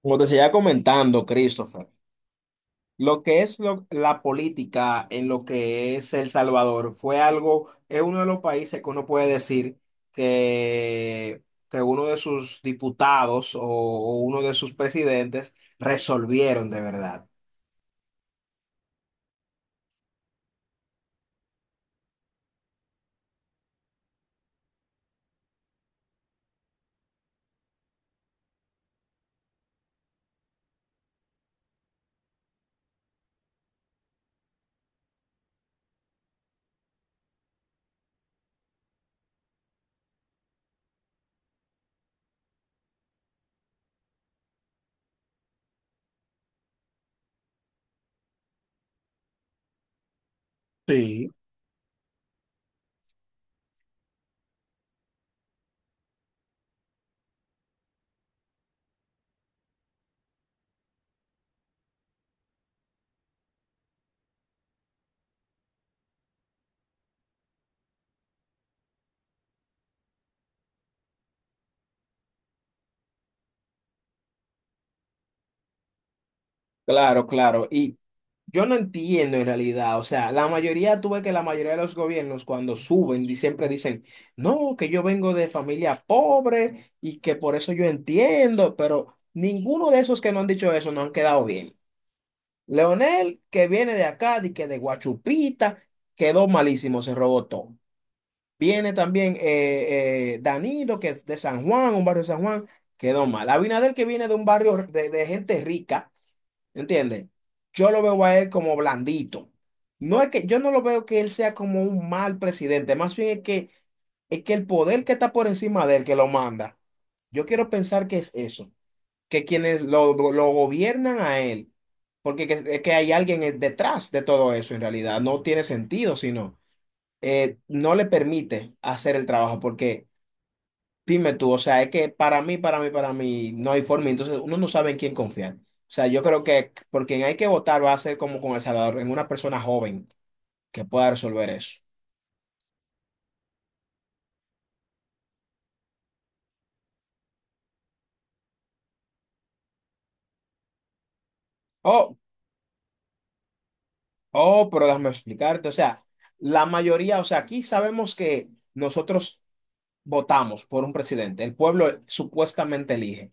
Como te seguía comentando, Christopher, lo que es lo- la política en lo que es El Salvador fue algo, es uno de los países que uno puede decir que, que uno de sus diputados o uno de sus presidentes resolvieron de verdad. Sí. Claro, claro. Y. Yo no entiendo en realidad, o sea, tú ves que la mayoría de los gobiernos cuando siempre dicen, no, que yo vengo de familia pobre y que por eso yo entiendo, pero ninguno de esos que no han dicho eso no han quedado bien. Leonel, que viene de acá, di que de Guachupita, quedó malísimo, se robó todo. Viene también Danilo, que es de San Juan, un barrio de San Juan, quedó mal. Abinader, que viene de un barrio de gente rica. ¿Entiendes? Yo lo veo a él como blandito. No es que yo no lo veo que él sea como un mal presidente, más bien es que el poder que está por encima de él que lo manda. Yo quiero pensar que es eso, que quienes lo gobiernan a él, porque es que hay alguien detrás de todo eso en realidad, no tiene sentido, sino no le permite hacer el trabajo, porque dime tú, o sea, es que para mí no hay forma, entonces uno no sabe en quién confiar. O sea, yo creo que por quien hay que votar va a ser como con El Salvador, en una persona joven que pueda resolver eso. Oh, oh, pero déjame explicarte, o sea, o sea, aquí sabemos que nosotros votamos por un presidente, el pueblo supuestamente elige,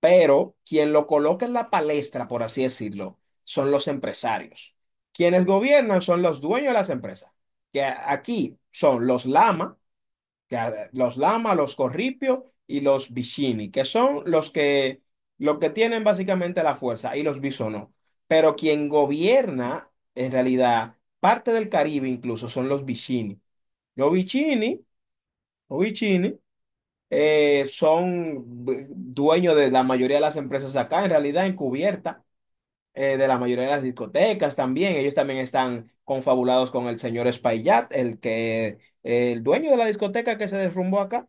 pero quien lo coloca en la palestra, por así decirlo, son los empresarios. Quienes gobiernan son los dueños de las empresas, que aquí son que los Lama, los Corripio y los Bishini, que son los que tienen básicamente la fuerza, y los Bisonó. Pero quien gobierna, en realidad, parte del Caribe incluso son los Bishini. Los Bishini, los Bishini, dueños de la mayoría de las empresas acá, en realidad encubierta, de la mayoría de las discotecas también. Ellos también están confabulados con el señor Espaillat, el dueño de la discoteca que se derrumbó acá.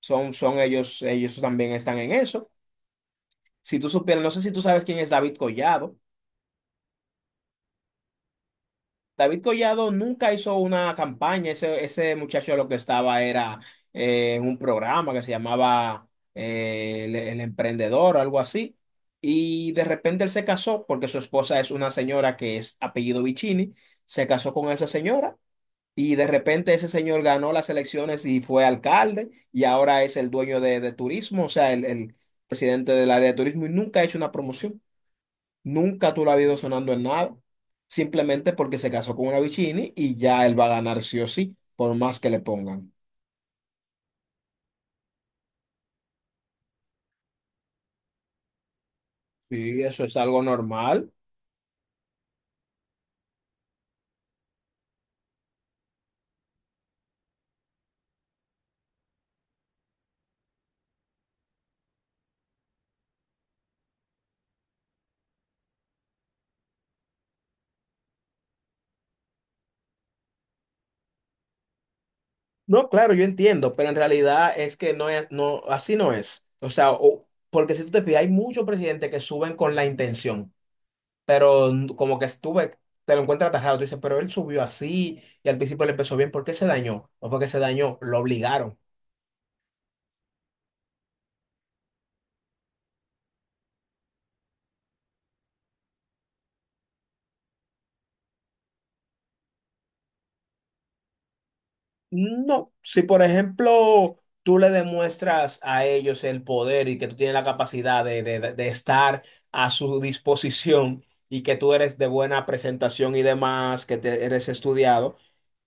Son ellos, ellos también están en eso. Si tú supieras, no sé si tú sabes quién es David Collado. David Collado nunca hizo una campaña. Ese muchacho lo que estaba era en un programa que se llamaba El Emprendedor o algo así. Y de repente él se casó porque su esposa es una señora que es apellido Vicini. Se casó con esa señora. Y de repente ese señor ganó las elecciones y fue alcalde y ahora es el dueño de turismo, o sea, el presidente del área de turismo y nunca ha hecho una promoción. Nunca tú lo has ido sonando en nada. Simplemente porque se casó con una Vicini y ya él va a ganar sí o sí, por más que le pongan. Sí, eso es algo normal. No, claro, yo entiendo, pero en realidad es que no, así no es. O sea, o- porque si tú te fijas, hay muchos presidentes que suben con la intención. Pero como que estuve, te lo encuentras atajado, tú dices, pero él subió así y al principio le empezó bien, ¿por qué se dañó? No fue que se dañó, lo obligaron. No, si por ejemplo tú le demuestras a ellos el poder y que tú tienes la capacidad estar a su disposición y que tú eres de buena presentación y demás, eres estudiado,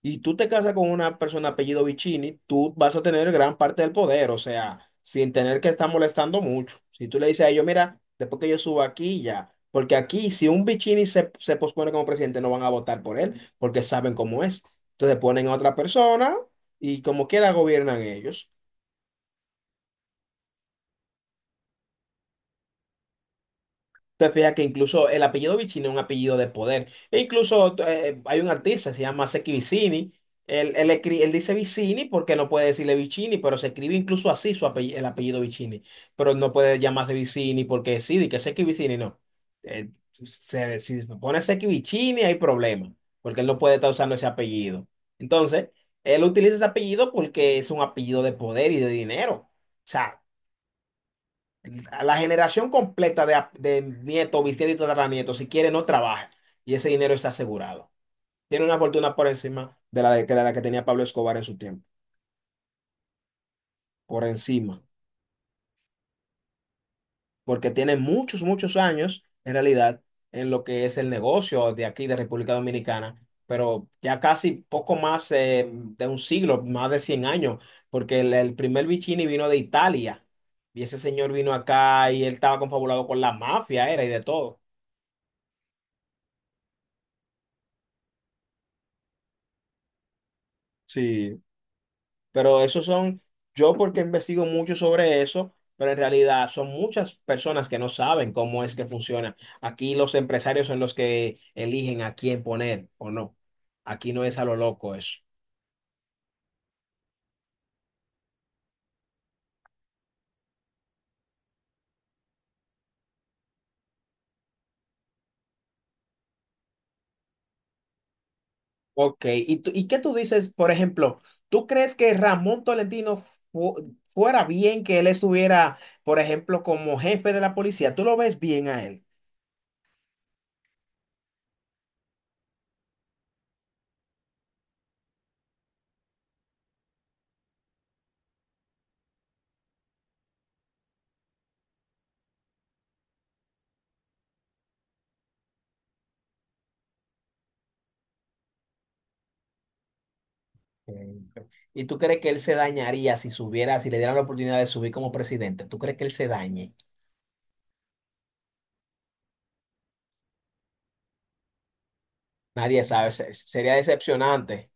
y tú te casas con una persona apellido Vicini, tú vas a tener gran parte del poder, o sea, sin tener que estar molestando mucho. Si tú le dices a ellos, mira, después que yo suba aquí ya, porque aquí si un Vicini se pospone como presidente no van a votar por él porque saben cómo es. Entonces ponen a otra persona y como quiera gobiernan ellos. Te fijas que incluso el apellido Vicini es un apellido de poder. E incluso hay un artista, se llama Seki Vicini. Él dice Vicini porque no puede decirle Vicini, pero se escribe incluso así el apellido Vicini. Pero no puede llamarse Vicini porque sí, di que Seki Vicini no. Si se pone Seki Vicini hay problema porque él no puede estar usando ese apellido. Entonces, él utiliza ese apellido porque es un apellido de poder y de dinero. O sea, la generación completa de nieto, bisnieto y tataranieto, si quiere, no trabaja. Y ese dinero está asegurado. Tiene una fortuna por encima de de la que tenía Pablo Escobar en su tiempo. Por encima. Porque tiene muchos años, en realidad, en lo que es el negocio de aquí, de República Dominicana. Pero ya casi poco más de un siglo, más de 100 años. Porque el primer Vicini vino de Italia. Y ese señor vino acá y él estaba confabulado con la mafia, era y de todo. Sí. Pero esos son, yo porque investigo mucho sobre eso, pero en realidad son muchas personas que no saben cómo es que funciona. Aquí los empresarios son los que eligen a quién poner o no. Aquí no es a lo loco eso. Ok, ¿y, tú- y qué tú dices, por ejemplo, tú crees que Ramón Tolentino fuera bien que él estuviera, por ejemplo, como jefe de la policía? ¿Tú lo ves bien a él? Entiendo. ¿Y tú crees que él se dañaría si subiera, si le dieran la oportunidad de subir como presidente? ¿Tú crees que él se dañe? Nadie sabe, sería decepcionante.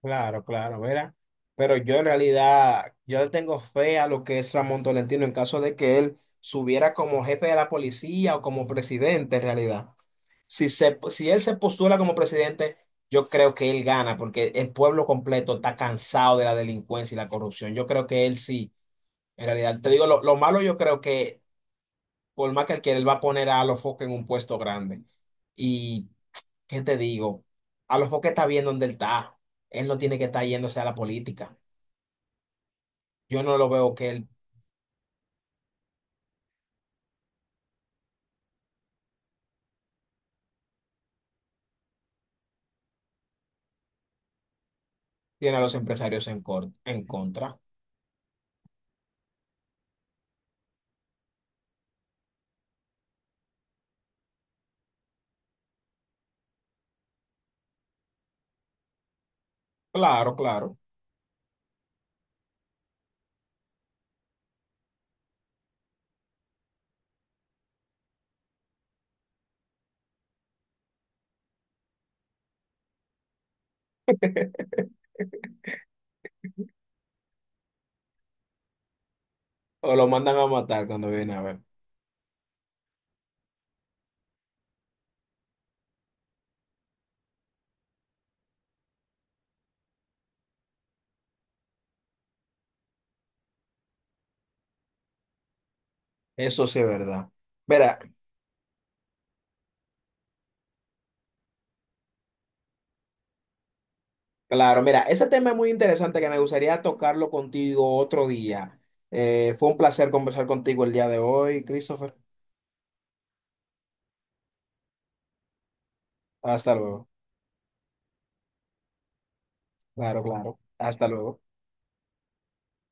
Claro, claro, verá. Pero yo en realidad, yo le tengo fe a lo que es Ramón Tolentino en caso de que él subiera como jefe de la policía o como presidente en realidad. Si él se postula como presidente, yo creo que él gana porque el pueblo completo está cansado de la delincuencia y la corrupción. Yo creo que él sí, en realidad. Te digo, lo malo yo creo que por más que él quiera, él va a poner a los Focke en un puesto grande. Y ¿qué te digo? A lo mejor que está bien donde él está. Él no tiene que estar yéndose a la política. Yo no lo veo que él tiene a los empresarios en, en contra. Claro, claro. O lo mandan a matar cuando viene a ver. Eso sí es verdad. Mira, claro, mira, ese tema es muy interesante que me gustaría tocarlo contigo otro día. Fue un placer conversar contigo el día de hoy, Christopher. Hasta luego. Claro, claro. Hasta luego.